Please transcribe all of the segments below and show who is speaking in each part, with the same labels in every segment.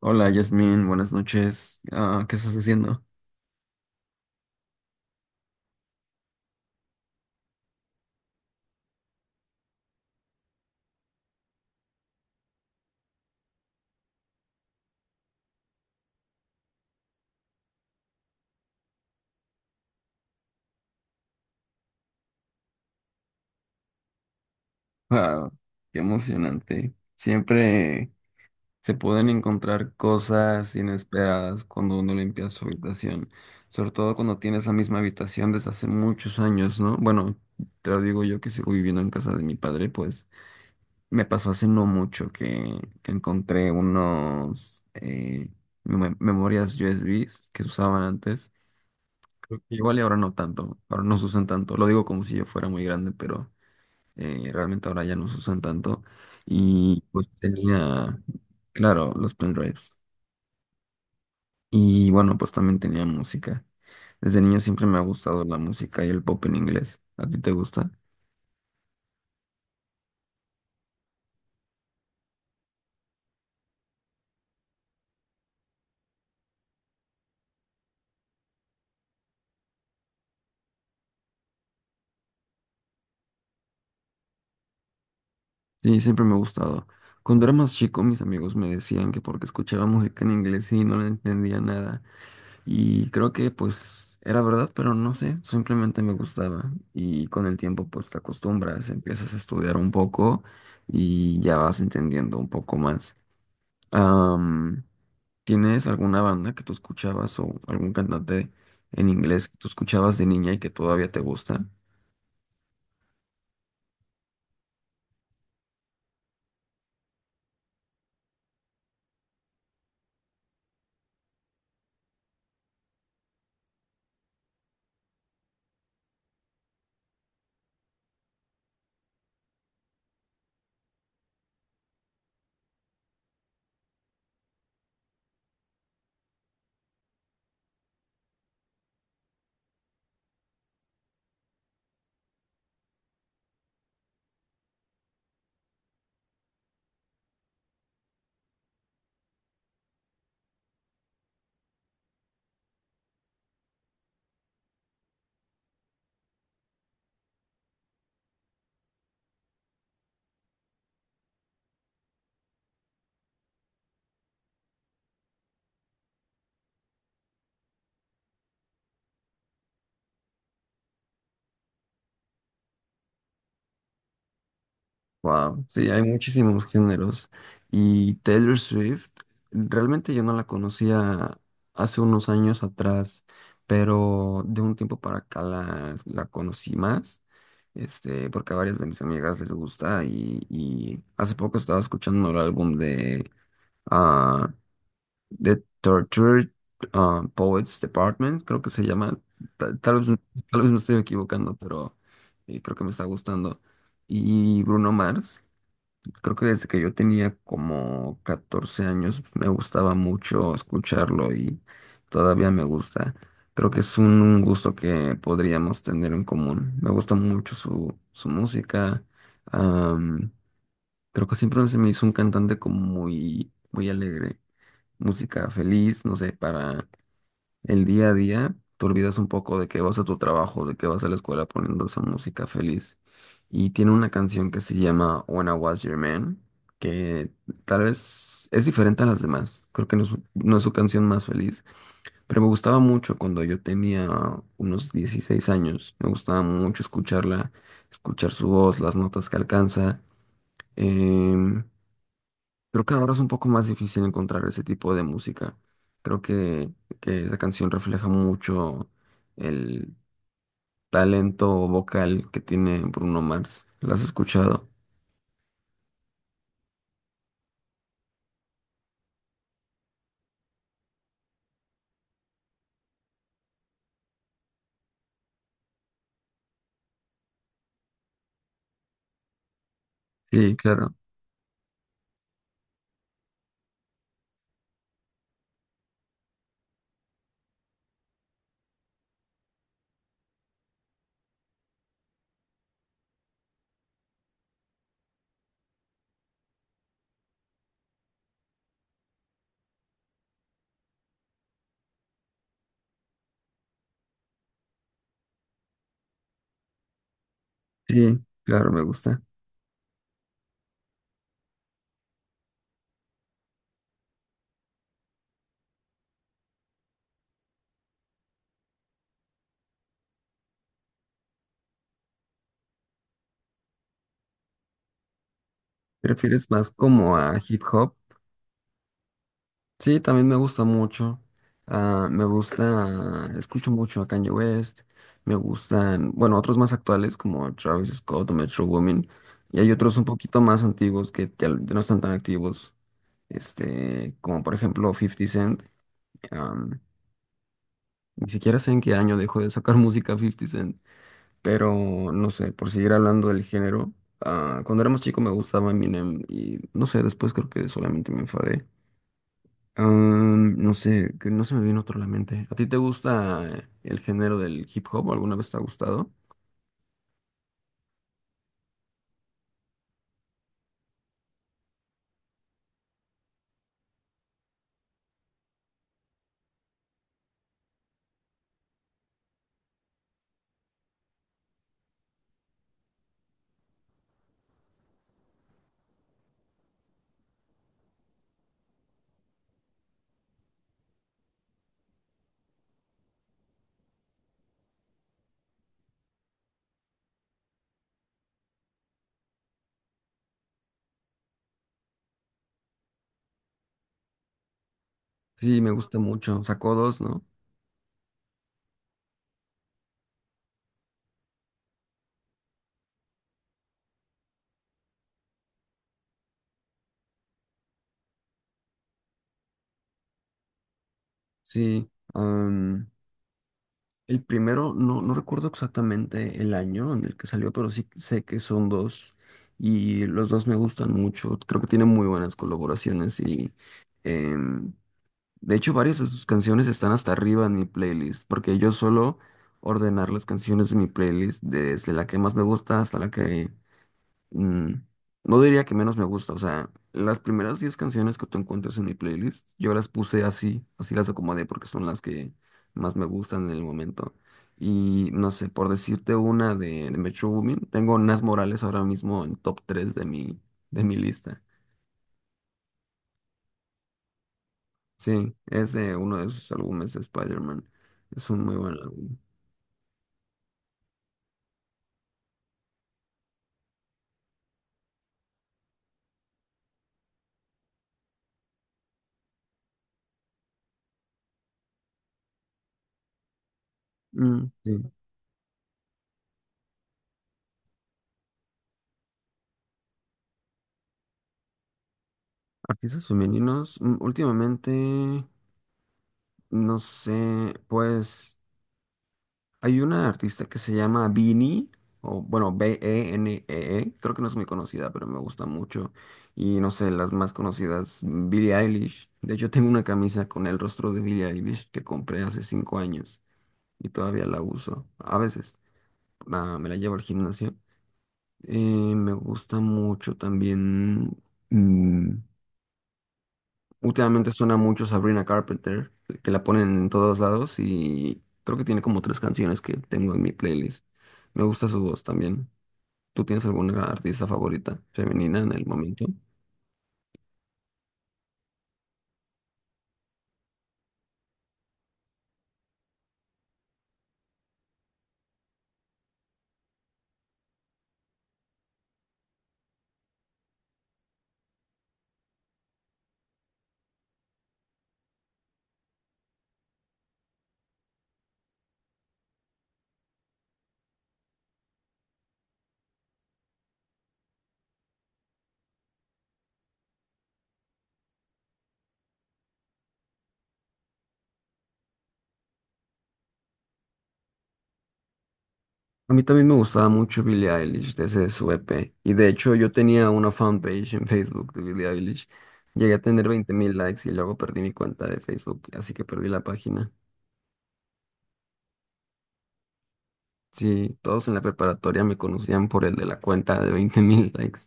Speaker 1: Hola, Yasmin, buenas noches. Ah, ¿qué estás haciendo? Ah, qué emocionante. Siempre se pueden encontrar cosas inesperadas cuando uno limpia su habitación, sobre todo cuando tiene esa misma habitación desde hace muchos años, ¿no? Bueno, te lo digo yo que sigo viviendo en casa de mi padre, pues me pasó hace no mucho que encontré unos memorias USBs que se usaban antes. Igual y ahora no tanto, ahora no se usan tanto. Lo digo como si yo fuera muy grande, pero realmente ahora ya no se usan tanto. Y pues tenía, claro, los pendrives. Y bueno, pues también tenía música. Desde niño siempre me ha gustado la música y el pop en inglés. ¿A ti te gusta? Sí, siempre me ha gustado. Cuando era más chico, mis amigos me decían que porque escuchaba música en inglés y no le entendía nada. Y creo que pues era verdad, pero no sé, simplemente me gustaba. Y con el tiempo pues te acostumbras, empiezas a estudiar un poco y ya vas entendiendo un poco más. Am, ¿Tienes alguna banda que tú escuchabas o algún cantante en inglés que tú escuchabas de niña y que todavía te gusta? Wow, sí, hay muchísimos géneros. Y Taylor Swift, realmente yo no la conocía hace unos años atrás, pero de un tiempo para acá la conocí más, este, porque a varias de mis amigas les gusta y hace poco estaba escuchando el álbum de ah, The Tortured Poets Department, creo que se llama. Ta- Tal, vez, tal vez me estoy equivocando, pero creo que me está gustando. Y Bruno Mars. Creo que desde que yo tenía como 14 años me gustaba mucho escucharlo y todavía me gusta. Creo que es un gusto que podríamos tener en común. Me gusta mucho su música. am, Creo que siempre se me hizo un cantante como muy, muy alegre. Música feliz, no sé, para el día a día te olvidas un poco de que vas a tu trabajo, de que vas a la escuela poniendo esa música feliz. Y tiene una canción que se llama When I Was Your Man, que tal vez es diferente a las demás. Creo que no es, no es su canción más feliz, pero me gustaba mucho cuando yo tenía unos 16 años. Me gustaba mucho escucharla, escuchar su voz, las notas que alcanza. em, Creo que ahora es un poco más difícil encontrar ese tipo de música. Creo que esa canción refleja mucho el talento vocal que tiene Bruno Mars. ¿La has escuchado? Sí, claro. Sí, claro, me gusta. ¿Prefieres más como a hip hop? Sí, también me gusta mucho. Ah, me gusta, escucho mucho a Kanye West. Me gustan, bueno, otros más actuales como Travis Scott o Metro Womin. Y hay otros un poquito más antiguos que ya no están tan activos. Este, como por ejemplo Fifty Cent. am, Ni siquiera sé en qué año dejó de sacar música Fifty Cent. Pero no sé, por seguir hablando del género. Cuando era más chico me gustaba Eminem y no sé, después creo que solamente me enfadé. No sé, que no se me viene otro a la mente. ¿A ti te gusta el género del hip hop? ¿Alguna vez te ha gustado? Sí, me gusta mucho. Sacó dos, ¿no? Sí. am, el primero, no, no recuerdo exactamente el año en el que salió, pero sí sé que son dos. Y los dos me gustan mucho. Creo que tiene muy buenas colaboraciones y em, de hecho varias de sus canciones están hasta arriba en mi playlist, porque yo suelo ordenar las canciones de mi playlist desde la que más me gusta hasta la que mm, no diría que menos me gusta, o sea, las primeras 10 canciones que tú encuentras en mi playlist, yo las puse así, así las acomodé porque son las que más me gustan en el momento. Y no sé, por decirte una de Metro Womin, tengo Nas Morales ahora mismo en top tres de mi lista. Sí, es de uno de sus álbumes de Spider-Man. Es un muy buen álbum. Mm, sí. Artistas femeninos, últimamente, no sé, pues. Hay una artista que se llama Beanie, o bueno, B-E-N-E-E, creo que no es muy conocida, pero me gusta mucho. Y no sé, las más conocidas, Billie Eilish. De hecho, tengo una camisa con el rostro de Billie Eilish que compré hace 5 años y todavía la uso. A veces me la llevo al gimnasio. Me gusta mucho también. mm, Últimamente suena mucho Sabrina Carpenter, que la ponen en todos lados y creo que tiene como tres canciones que tengo en mi playlist. Me gusta su voz también. ¿Tú tienes alguna artista favorita femenina en el momento? A mí también me gustaba mucho Billie Eilish desde su EP. Y de hecho yo tenía una fanpage en Facebook de Billie Eilish. Llegué a tener 20.000 likes y luego perdí mi cuenta de Facebook, así que perdí la página. Sí, todos en la preparatoria me conocían por el de la cuenta de 20.000 likes.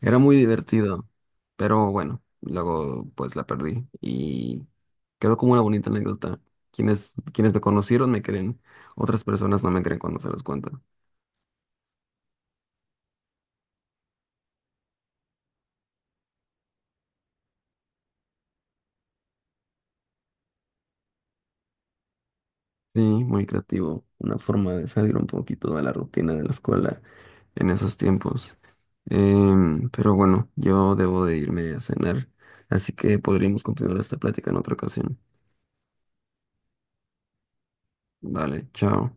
Speaker 1: Era muy divertido, pero bueno, luego pues la perdí y quedó como una bonita anécdota. Quienes me conocieron me creen, otras personas no me creen cuando se los cuento. Sí, muy creativo, una forma de salir un poquito de la rutina de la escuela en esos tiempos. Pero bueno, yo debo de irme a cenar, así que podríamos continuar esta plática en otra ocasión. Vale, chao.